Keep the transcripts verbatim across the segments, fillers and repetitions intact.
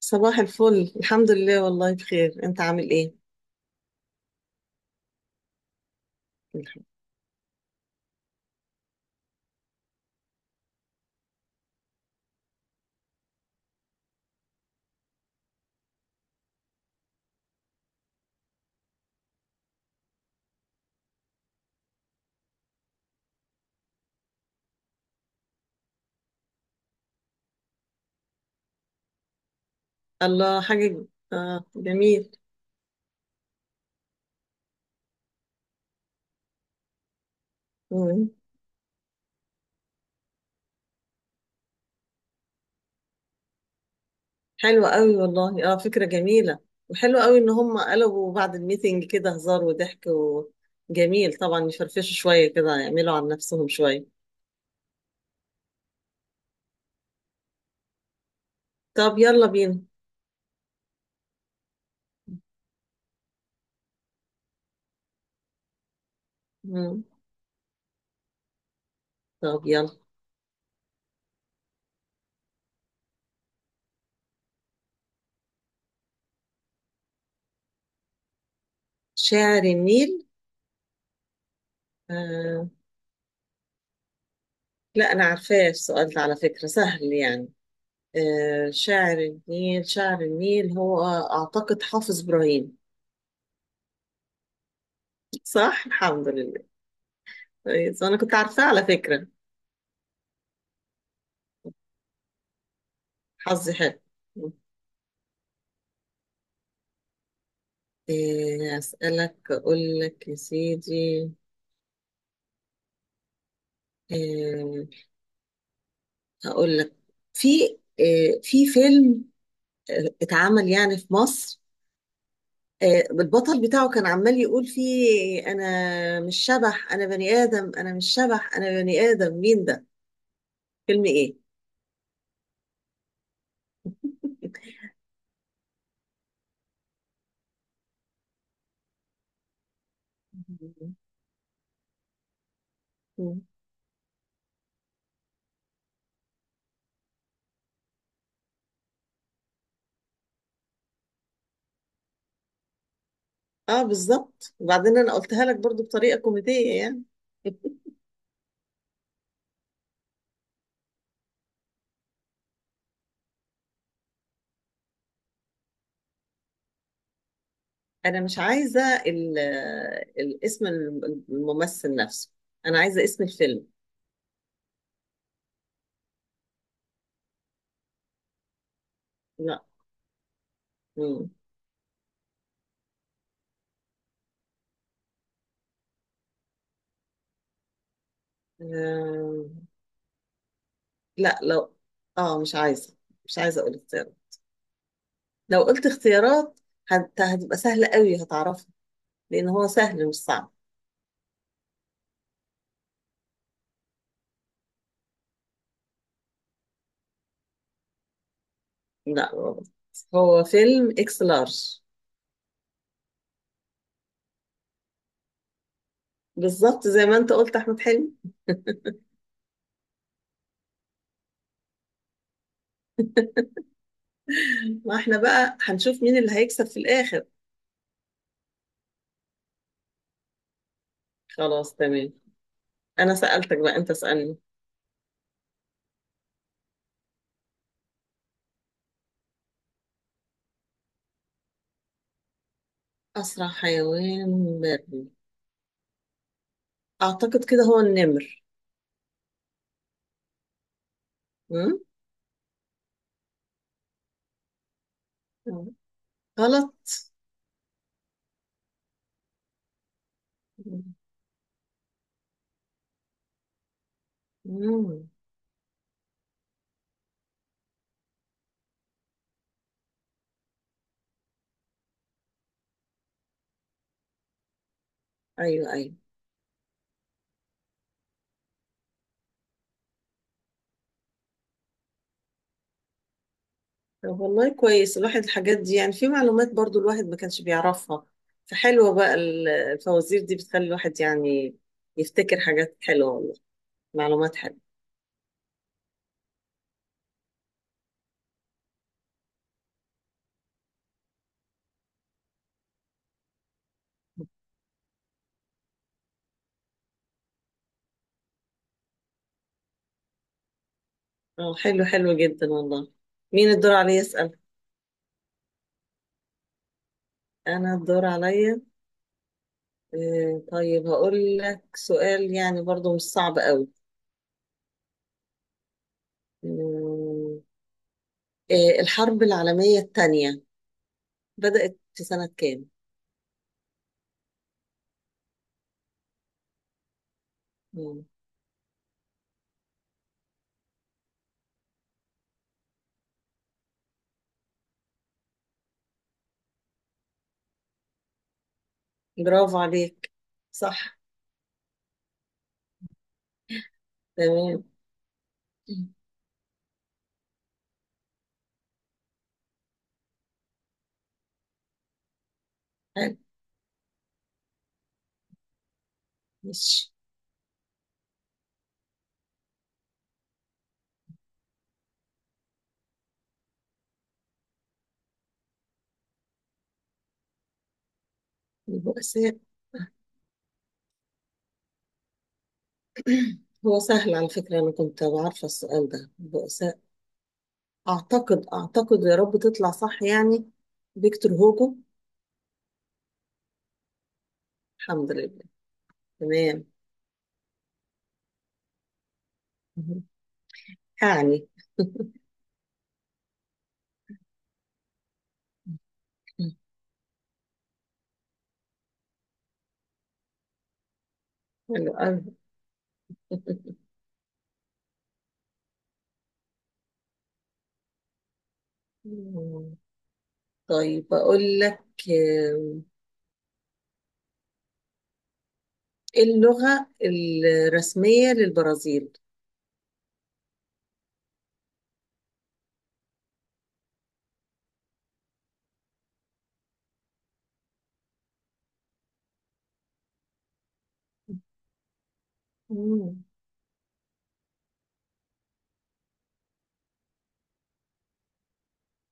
صباح الفل، الحمد لله، والله بخير، انت عامل ايه؟ الحمد. الله حاجة ج- اه، جميل. مم. حلوة قوي والله، اه فكرة جميلة. وحلوة قوي ان هم قلبوا بعد الميتنج كده هزار وضحك. وجميل طبعا يفرفشوا شوية كده، يعملوا عن نفسهم شوية. طب يلا بينا. مم. طب يلا. شاعر النيل. آه. لا، انا عارفاه، السؤال ده على فكرة سهل يعني. آه، شاعر النيل، شاعر النيل هو أعتقد حافظ إبراهيم. صح، الحمد لله. كويس، أنا كنت عارفاه على فكرة. حظي حلو. آه، أسألك، أقول لك يا سيدي. آه، هقول لك في آه، في فيلم آه، اتعمل يعني في مصر، آه، البطل بتاعه كان عمال يقول فيه: أنا مش شبح أنا بني آدم، أنا مش شبح أنا بني آدم، مين ده؟ فيلم إيه؟ اه بالظبط، وبعدين انا قلتها لك برضو بطريقه كوميديه يعني. انا مش عايزه ال- الاسم، الممثل نفسه. انا عايزه اسم الفيلم. لا. مم. آه، لا، لو اه مش عايزه مش عايزه اقول اختيارات. لو قلت اختيارات هت... هتبقى سهله قوي، هتعرفها، لان هو سهل مش صعب. لا، غلط. هو فيلم اكس لارج. بالظبط، زي ما انت قلت احمد حلمي. ما احنا بقى هنشوف مين اللي هيكسب في الاخر. خلاص، تمام. انا سألتك بقى، انت اسألني. اسرع حيوان بري؟ اعتقد كده هو النمر. مم؟ غلط. مم. ايوه، ايوه. طب والله كويس الواحد، الحاجات دي يعني في معلومات برضو الواحد ما كانش بيعرفها. فحلوة بقى ال- الفوازير دي بتخلي الواحد يعني يفتكر حاجات حلوة والله. معلومات حلوة. اه، حلو حلو جدا والله. مين الدور عليا يسأل؟ انا الدور عليا. آه، طيب، هقول لك سؤال يعني برضو مش صعب قوي. مم. إيه، الحرب العالمية الثانية بدأت في سنة كام؟ مم. برافو عليك. صح، تمام. مم. حلو، ماشي. البؤساء. هو سهل على فكرة، أنا كنت عارفة السؤال ده، البؤساء أعتقد أعتقد، يا رب تطلع صح يعني، فيكتور هوجو. الحمد لله. تمام. مم. يعني. حلو أوي. مم. طيب أقول لك آه، اللغة الرسمية للبرازيل؟ مم.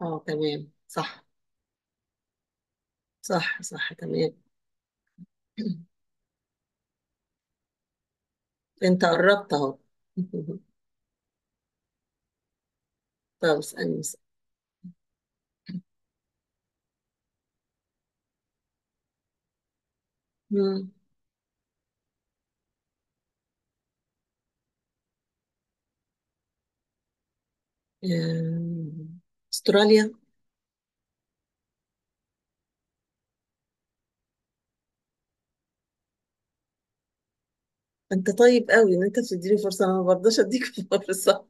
اه، تمام، صح. صح، صح، تمام. انت قربت اهو. طب، اسألني اسألني. مم. آم، استراليا. انت طيب قوي ان انت بتديني فرصة، انا ما برضاش اديك فرصة.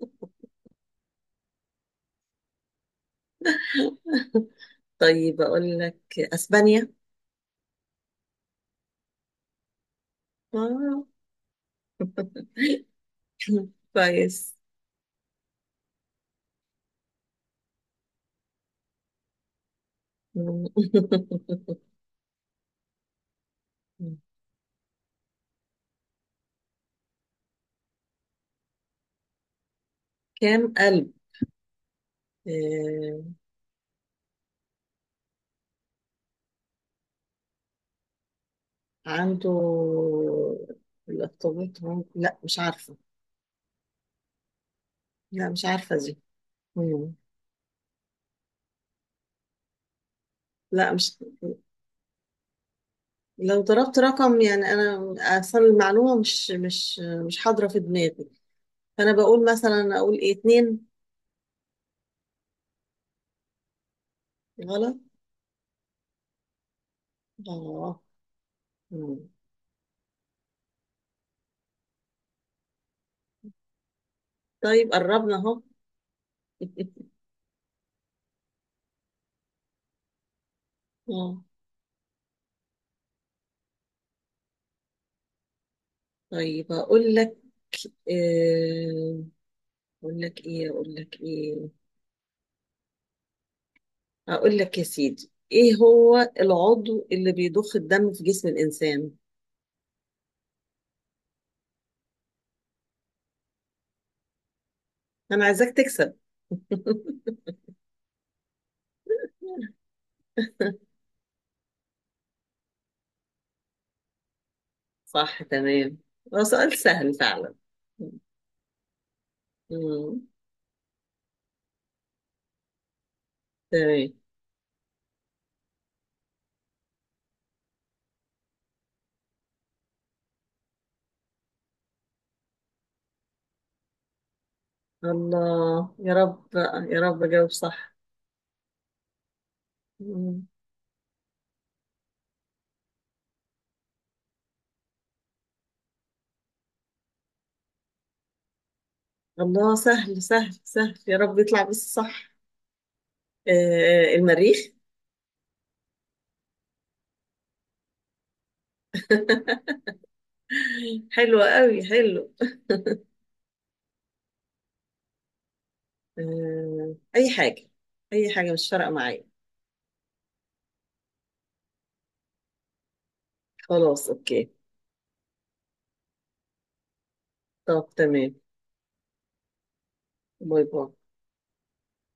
طيب، اقول لك اسبانيا. آه. كويس. مم. كام قلب؟ آه، عنده الارتباط ممكن، لا مش عارفة. لا مش عارفة دي. مم. لا، مش لو ضربت رقم يعني، انا اصلا المعلومة مش مش مش حاضرة في دماغي. فانا بقول مثلا اقول ايه اتنين. غلط. اه. مم. طيب، قربنا اهو. اه، طيب اقول لك آه، اقول لك ايه اقول لك ايه اقول لك يا سيدي، ايه هو العضو اللي بيضخ الدم في جسم الانسان؟ انا عايزاك تكسب. صح، تمام. هو سؤال سهل فعلا. مم. تمام. الله يا رب بقى، يا رب أجاوب صح. مم. الله، سهل سهل سهل، يا رب يطلع بس صح. آه آه، المريخ. حلو قوي حلو. آه، أي حاجة. أي حاجة مش فارقة معايا. خلاص، أوكي. طب، تمام. باي باي.